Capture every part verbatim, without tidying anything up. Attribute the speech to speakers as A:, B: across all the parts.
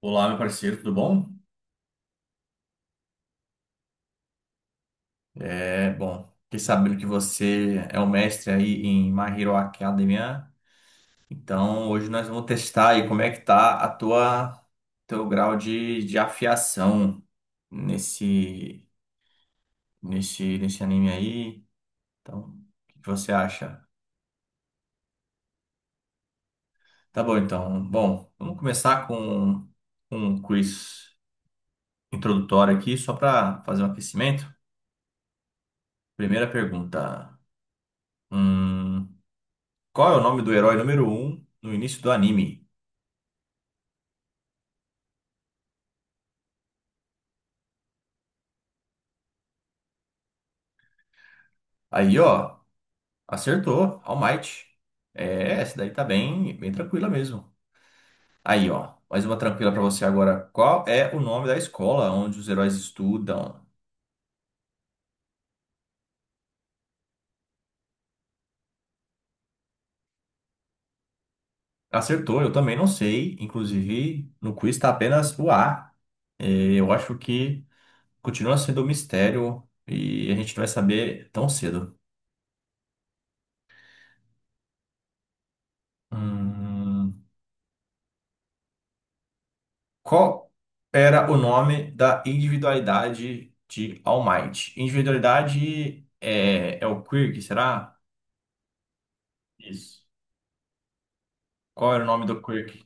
A: Olá, meu parceiro, tudo bom? É, bom, fiquei sabendo que você é o mestre aí em My Hero Academia. Então, hoje nós vamos testar aí como é que tá a tua teu grau de, de afiação nesse nesse nesse anime aí. Então, o que que você acha? Tá bom, então. Bom, vamos começar com um quiz introdutório aqui só para fazer um aquecimento. Primeira pergunta. Hum, Qual é o nome do herói número um no início do anime? Aí, ó, acertou, All Might. É, essa daí tá bem, bem tranquila mesmo. Aí, ó, mais uma tranquila pra você agora. Qual é o nome da escola onde os heróis estudam? Acertou, eu também não sei. Inclusive, no quiz tá apenas o A. É, eu acho que continua sendo um mistério e a gente não vai saber tão cedo. Hum, Qual era o nome da individualidade de All Might? Individualidade é, é o Quirk, será? Isso. Qual era o nome do Quirk?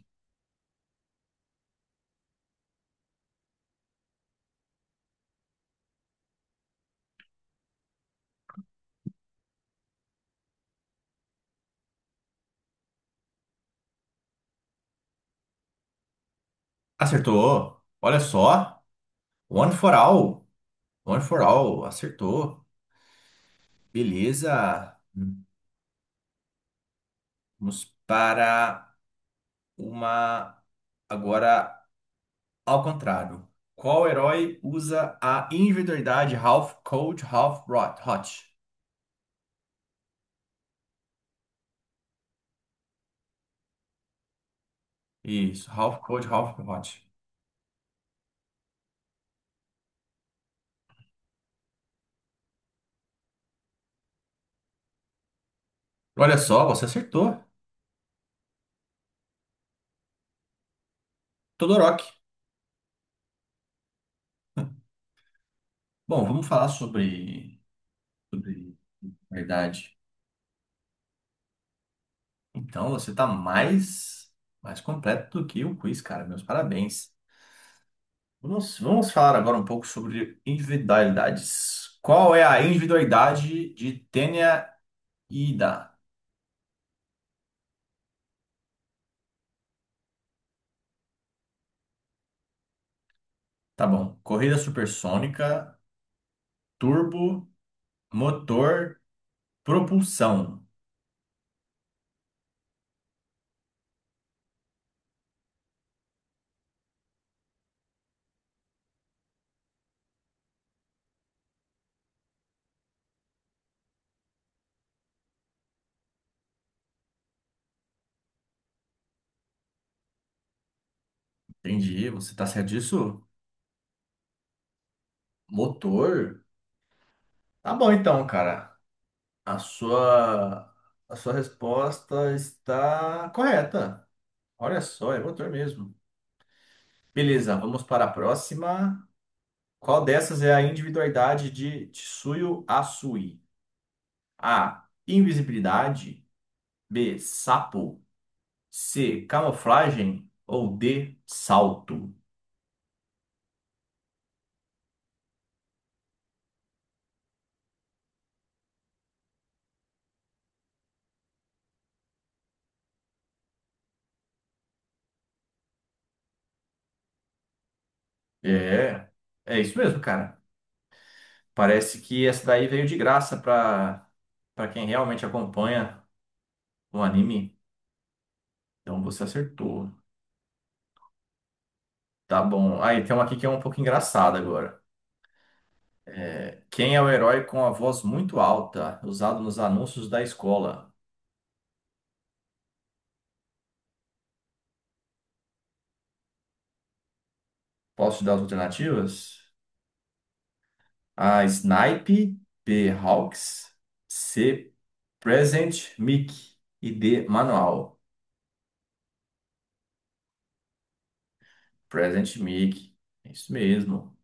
A: Acertou. Olha só. One for all. One for all. Acertou. Beleza. Vamos para uma. Agora ao contrário. Qual herói usa a individualidade Half Cold, Half Rot- Hot? Isso. Half Cold, Half Hot. Olha só, você acertou. Todoroki. Bom, vamos falar sobre, sobre verdade. Então, você está mais, mais completo do que o quiz, cara. Meus parabéns. Vamos, vamos falar agora um pouco sobre individualidades. Qual é a individualidade de Tenya Ida? Tá bom. Corrida supersônica, turbo, motor, propulsão. Entendi. Você tá certo disso? Motor? Tá bom então, cara. A sua, a sua resposta está correta. Olha só, é motor mesmo. Beleza, vamos para a próxima. Qual dessas é a individualidade de Tsuyu Asui? A. Invisibilidade. B. Sapo. C. Camuflagem. Ou D. Salto. É, é isso mesmo, cara. Parece que essa daí veio de graça para para quem realmente acompanha o anime. Então você acertou. Tá bom. Aí tem uma aqui que é um pouco engraçada agora. Quem é o herói com a voz muito alta, usado nos anúncios da escola? Posso te dar as alternativas? A. Snipe, B. Hawks, C. Present Mic e D. Manual. Present Mic. É isso mesmo.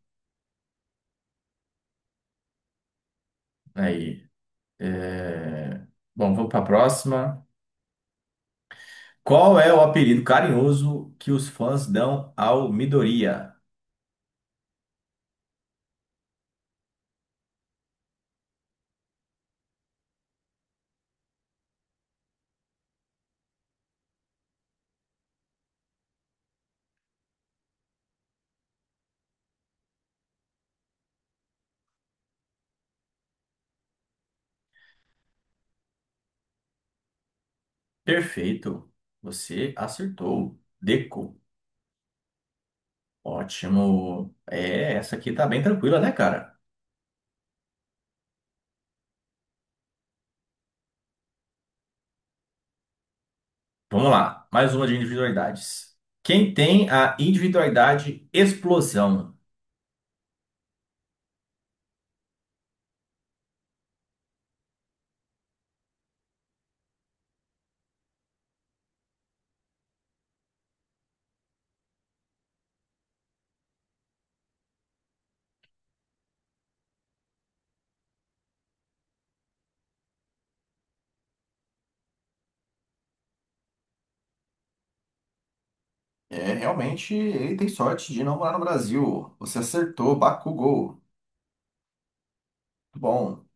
A: Aí. é, Bom, vamos para a próxima. Qual é o apelido carinhoso que os fãs dão ao Midoriya? Perfeito. Você acertou. Deco. Ótimo. É, essa aqui tá bem tranquila, né, cara? Vamos lá. Mais uma de individualidades. Quem tem a individualidade explosão? É, realmente, ele tem sorte de não morar no Brasil. Você acertou, Bakugou. Bom,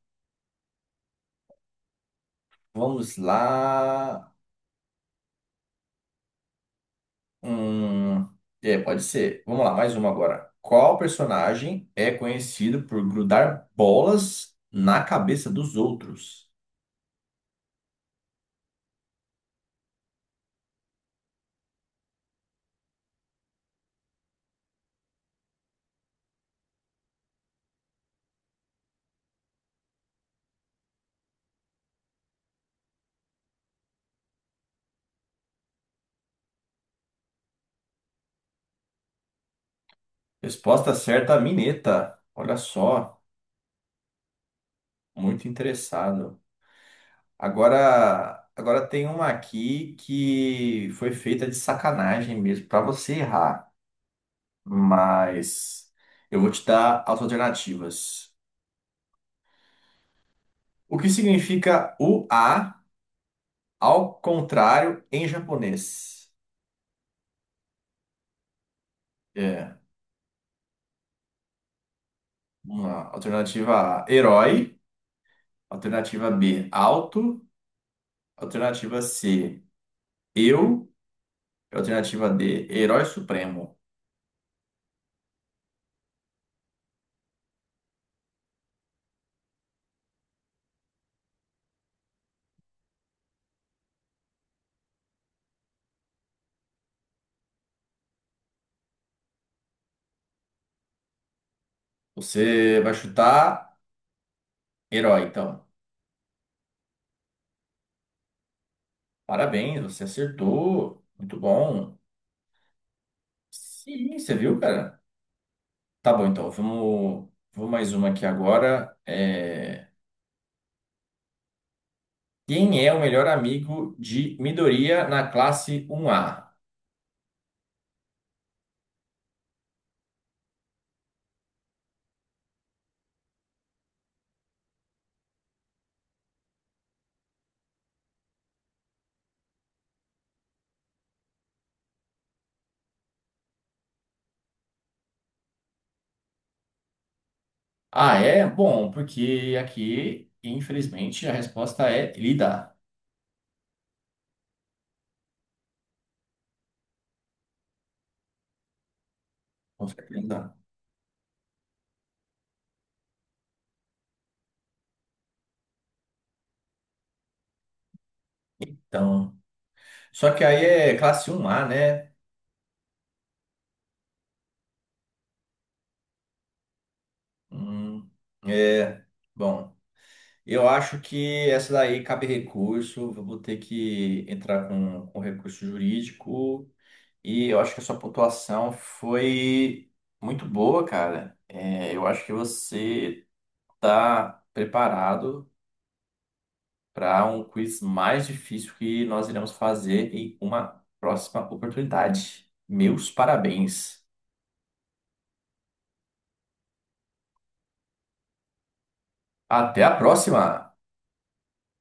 A: vamos lá. Hum, é, pode ser. Vamos lá, mais uma agora. Qual personagem é conhecido por grudar bolas na cabeça dos outros? Resposta certa, Mineta. Olha só. Muito interessado. Agora, agora tem uma aqui que foi feita de sacanagem mesmo, para você errar, mas eu vou te dar as alternativas. O que significa o A ao contrário em japonês? É, vamos lá. Alternativa A, herói. Alternativa B, alto. Alternativa C, eu. Alternativa D, herói supremo. Você vai chutar herói, então. Parabéns, você acertou. Muito bom. Sim, você viu, cara? Tá bom, então. Vamos, vamos mais uma aqui agora. É, Quem é o melhor amigo de Midoriya na classe um A? Ah, é? Bom, porque aqui, infelizmente, a resposta é Lida. Com certeza. Então, só que aí é classe um A, né? Hum, é. Bom. Eu acho que essa daí cabe recurso, vou ter que entrar com, com recurso jurídico. E eu acho que a sua pontuação foi muito boa, cara. É, eu acho que você está preparado para um quiz mais difícil que nós iremos fazer em uma próxima oportunidade. Meus parabéns. Até a próxima!